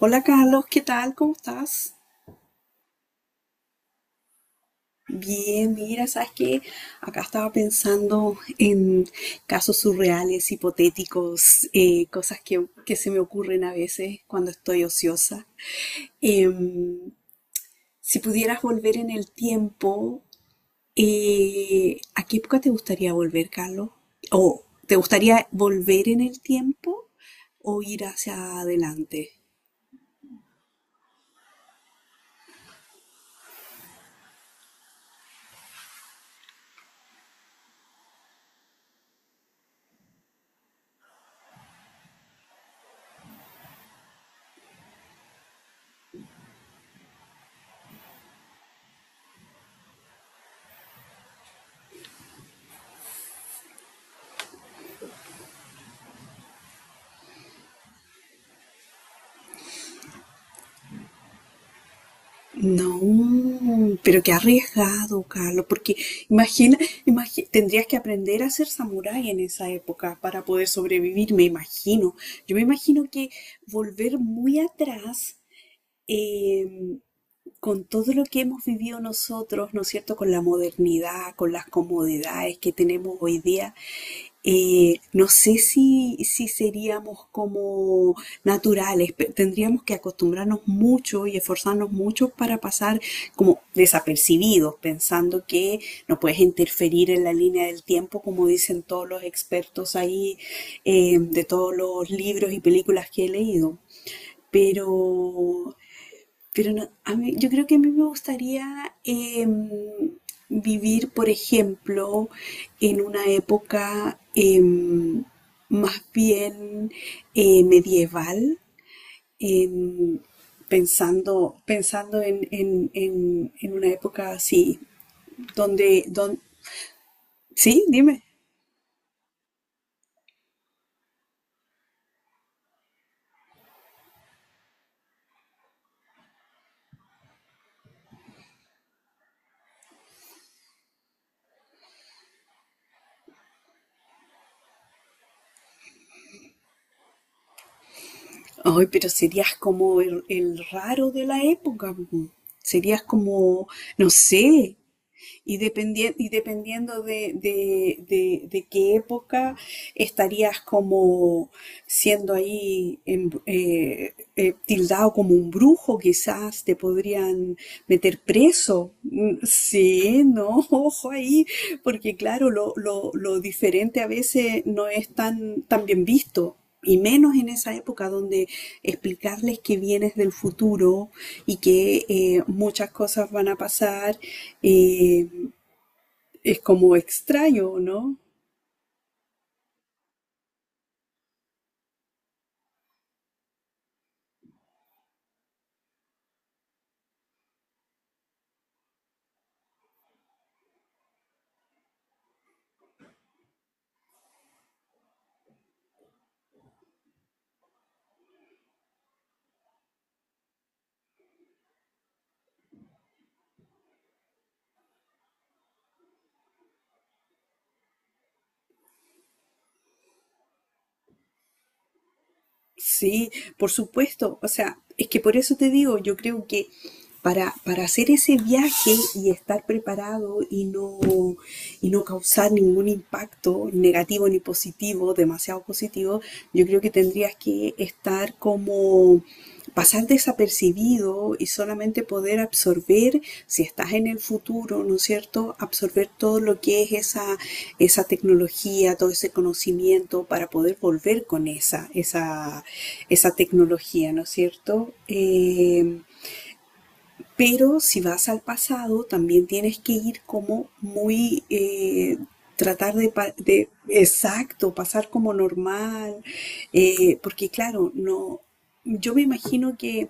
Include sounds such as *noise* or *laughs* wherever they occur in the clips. Hola Carlos, ¿qué tal? ¿Cómo estás? Bien, mira, sabes que acá estaba pensando en casos surreales, hipotéticos, cosas que se me ocurren a veces cuando estoy ociosa. Em, si pudieras volver en el tiempo, ¿a qué época te gustaría volver, Carlos? ¿O te gustaría volver en el tiempo o ir hacia adelante? No, pero qué arriesgado, Carlos, porque imagina, tendrías que aprender a ser samurái en esa época para poder sobrevivir, me imagino. Yo me imagino que volver muy atrás, eh, con todo lo que hemos vivido nosotros, ¿no es cierto?, con la modernidad, con las comodidades que tenemos hoy día, no sé si seríamos como naturales, tendríamos que acostumbrarnos mucho y esforzarnos mucho para pasar como desapercibidos, pensando que no puedes interferir en la línea del tiempo, como dicen todos los expertos ahí, de todos los libros y películas que he leído. Pero pero no, a mí, yo creo que a mí me gustaría vivir, por ejemplo, en una época más bien medieval, em, pensando en una época así, donde, don- sí, dime. Ay, pero serías como el raro de la época. Po. Serías como, no sé, y, y dependiendo de qué época estarías como siendo tildado como un brujo, quizás te podrían meter preso. Mm, sí, no, *laughs* ojo ahí, porque claro, lo diferente a veces no es tan bien visto. Y menos en esa época donde explicarles que vienes del futuro y que muchas cosas van a pasar, eh, es como extraño, ¿no? Sí, por supuesto. O sea, es que por eso te digo, yo creo que para hacer ese viaje y estar preparado y no causar ningún impacto negativo ni positivo, demasiado positivo, yo creo que tendrías que estar como pasar desapercibido y solamente poder absorber, si estás en el futuro, ¿no es cierto?, absorber todo lo que es esa tecnología, todo ese conocimiento para poder volver con esa tecnología, ¿no es cierto? Pero si vas al pasado, también tienes que ir como muy... tratar de, exacto, pasar como normal, porque claro, no, yo me imagino que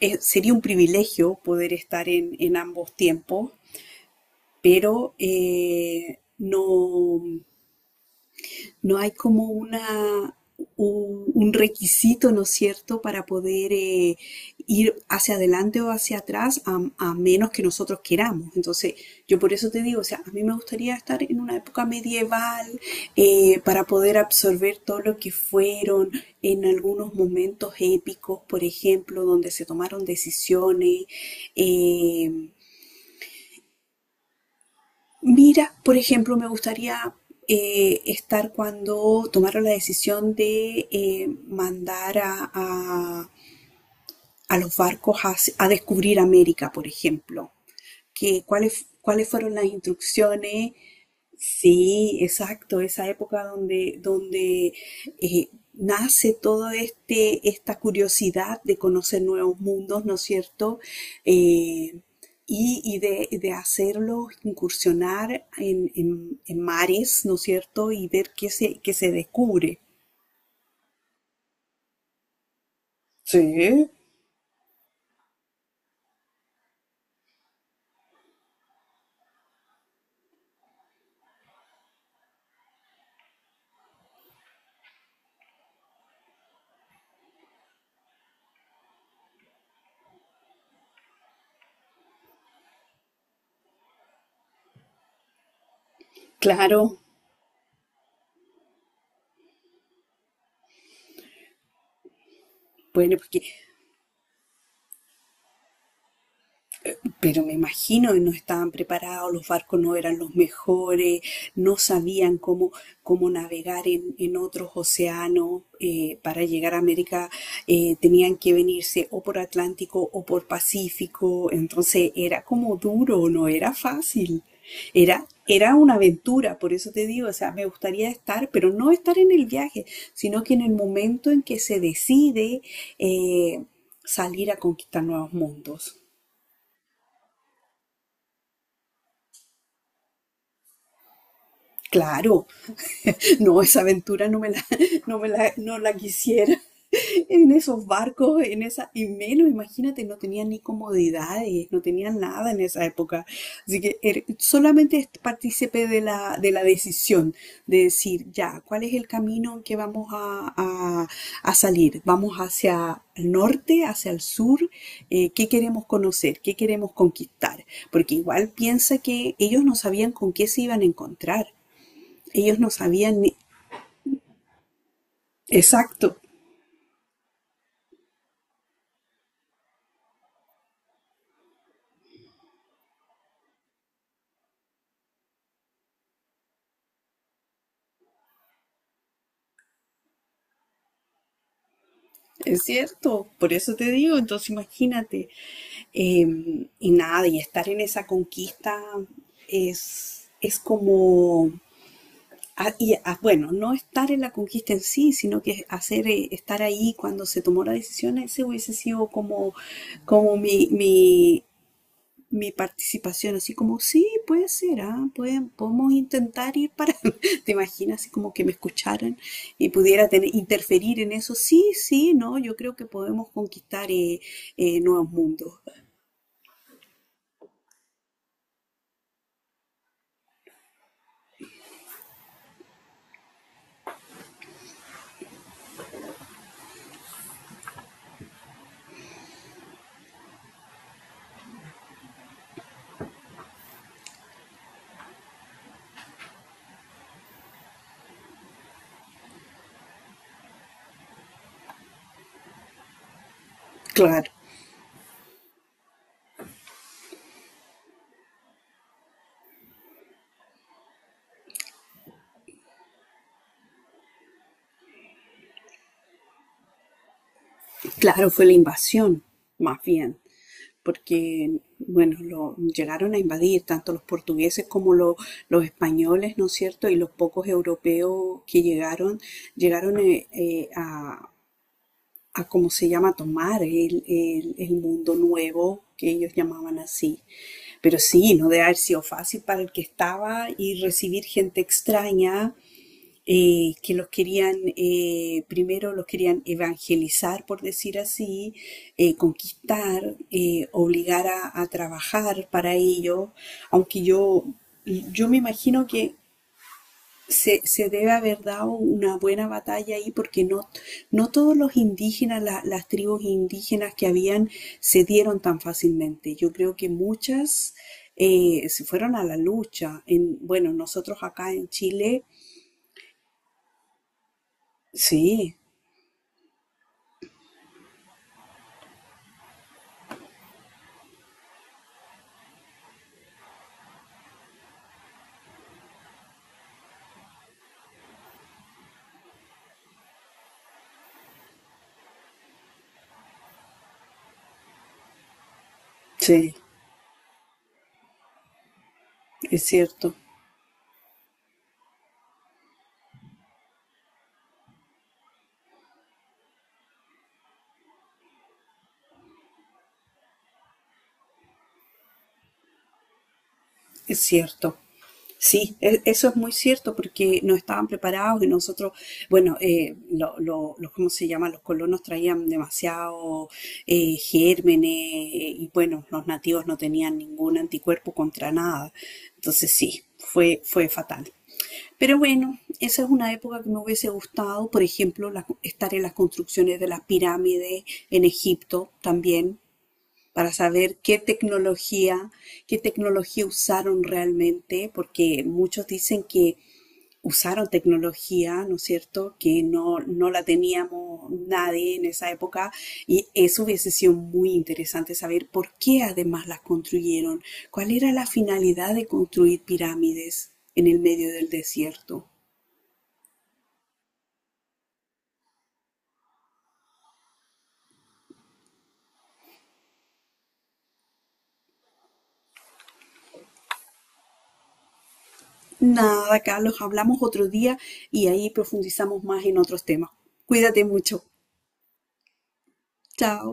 sería un privilegio poder estar en ambos tiempos, pero no, no hay como una, un requisito, ¿no es cierto?, para poder ir hacia adelante o hacia atrás a menos que nosotros queramos. Entonces, yo por eso te digo, o sea, a mí me gustaría estar en una época medieval para poder absorber todo lo que fueron en algunos momentos épicos, por ejemplo, donde se tomaron decisiones. Eh, mira, por ejemplo, me gustaría estar cuando tomaron la decisión de mandar a los barcos a descubrir América, por ejemplo. Que, ¿ cuáles fueron las instrucciones? Sí, exacto, esa época donde nace todo este, esta curiosidad de conocer nuevos mundos, ¿no es cierto? Eh, y de hacerlo, incursionar en mares, ¿no es cierto? Y ver qué se descubre. Sí, claro, bueno, porque pero me imagino que no estaban preparados, los barcos no eran los mejores, no sabían cómo, cómo navegar en otros océanos para llegar a América. Eh, tenían que venirse o por Atlántico o por Pacífico, entonces era como duro, no era fácil. Era una aventura, por eso te digo, o sea, me gustaría estar, pero no estar en el viaje, sino que en el momento en que se decide eh, salir a conquistar nuevos mundos. Claro, *laughs* no, esa aventura no me la, *laughs* no me la, no la quisiera. En esos barcos, en esa, y menos, imagínate, no tenían ni comodidades, no tenían nada en esa época. Así que er- solamente es partícipe de de la decisión, de decir, ya, ¿cuál es el camino en que vamos a salir? ¿Vamos hacia el norte, hacia el sur? ¿Qué queremos conocer? ¿Qué queremos conquistar? Porque igual piensa que ellos no sabían con qué se iban a encontrar. Ellos no sabían ni- Exacto, es cierto, por eso te digo, entonces imagínate, eh, y nada, y estar en esa conquista es como, ah, y, ah, bueno, no estar en la conquista en sí, sino que hacer, estar ahí cuando se tomó la decisión, ese hubiese sido como, como mi participación, así como, sí, puede ser, ah, pueden, podemos intentar ir para, *laughs* ¿te imaginas? Así como que me escucharan y pudiera tener, interferir en eso. Sí, sí, no, yo creo que podemos conquistar nuevos mundos. Claro, claro, fue la invasión, más bien, porque, bueno, lo, llegaron a invadir tanto los portugueses como lo- los españoles, ¿no es cierto? Y los pocos europeos que llegaron, llegaron a cómo se llama, tomar el, el mundo nuevo que ellos llamaban así. Pero sí, no debe haber sido fácil para el que estaba y recibir gente extraña que los querían, primero los querían evangelizar, por decir así, conquistar, obligar a trabajar para ellos aunque yo me imagino que se debe haber dado una buena batalla ahí porque no, no todos los indígenas, las tribus indígenas que habían, se dieron tan fácilmente. Yo creo que muchas se fueron a la lucha. En, bueno, nosotros acá en Chile, sí, sí, es cierto, es cierto. Sí, e- eso es muy cierto porque no estaban preparados y nosotros, bueno, los, ¿cómo se llama? Los colonos traían demasiado gérmenes y bueno, los nativos no tenían ningún anticuerpo contra nada. Entonces sí, fue fatal. Pero bueno, esa es una época que me hubiese gustado, por ejemplo, la- estar en las construcciones de las pirámides en Egipto también, para saber qué tecnología usaron realmente, porque muchos dicen que usaron tecnología, ¿no es cierto?, que no, no la teníamos nadie en esa época y eso hubiese sido muy interesante saber por qué además las construyeron, cuál era la finalidad de construir pirámides en el medio del desierto. Nada, Carlos, hablamos otro día y ahí profundizamos más en otros temas. Cuídate mucho. Chao.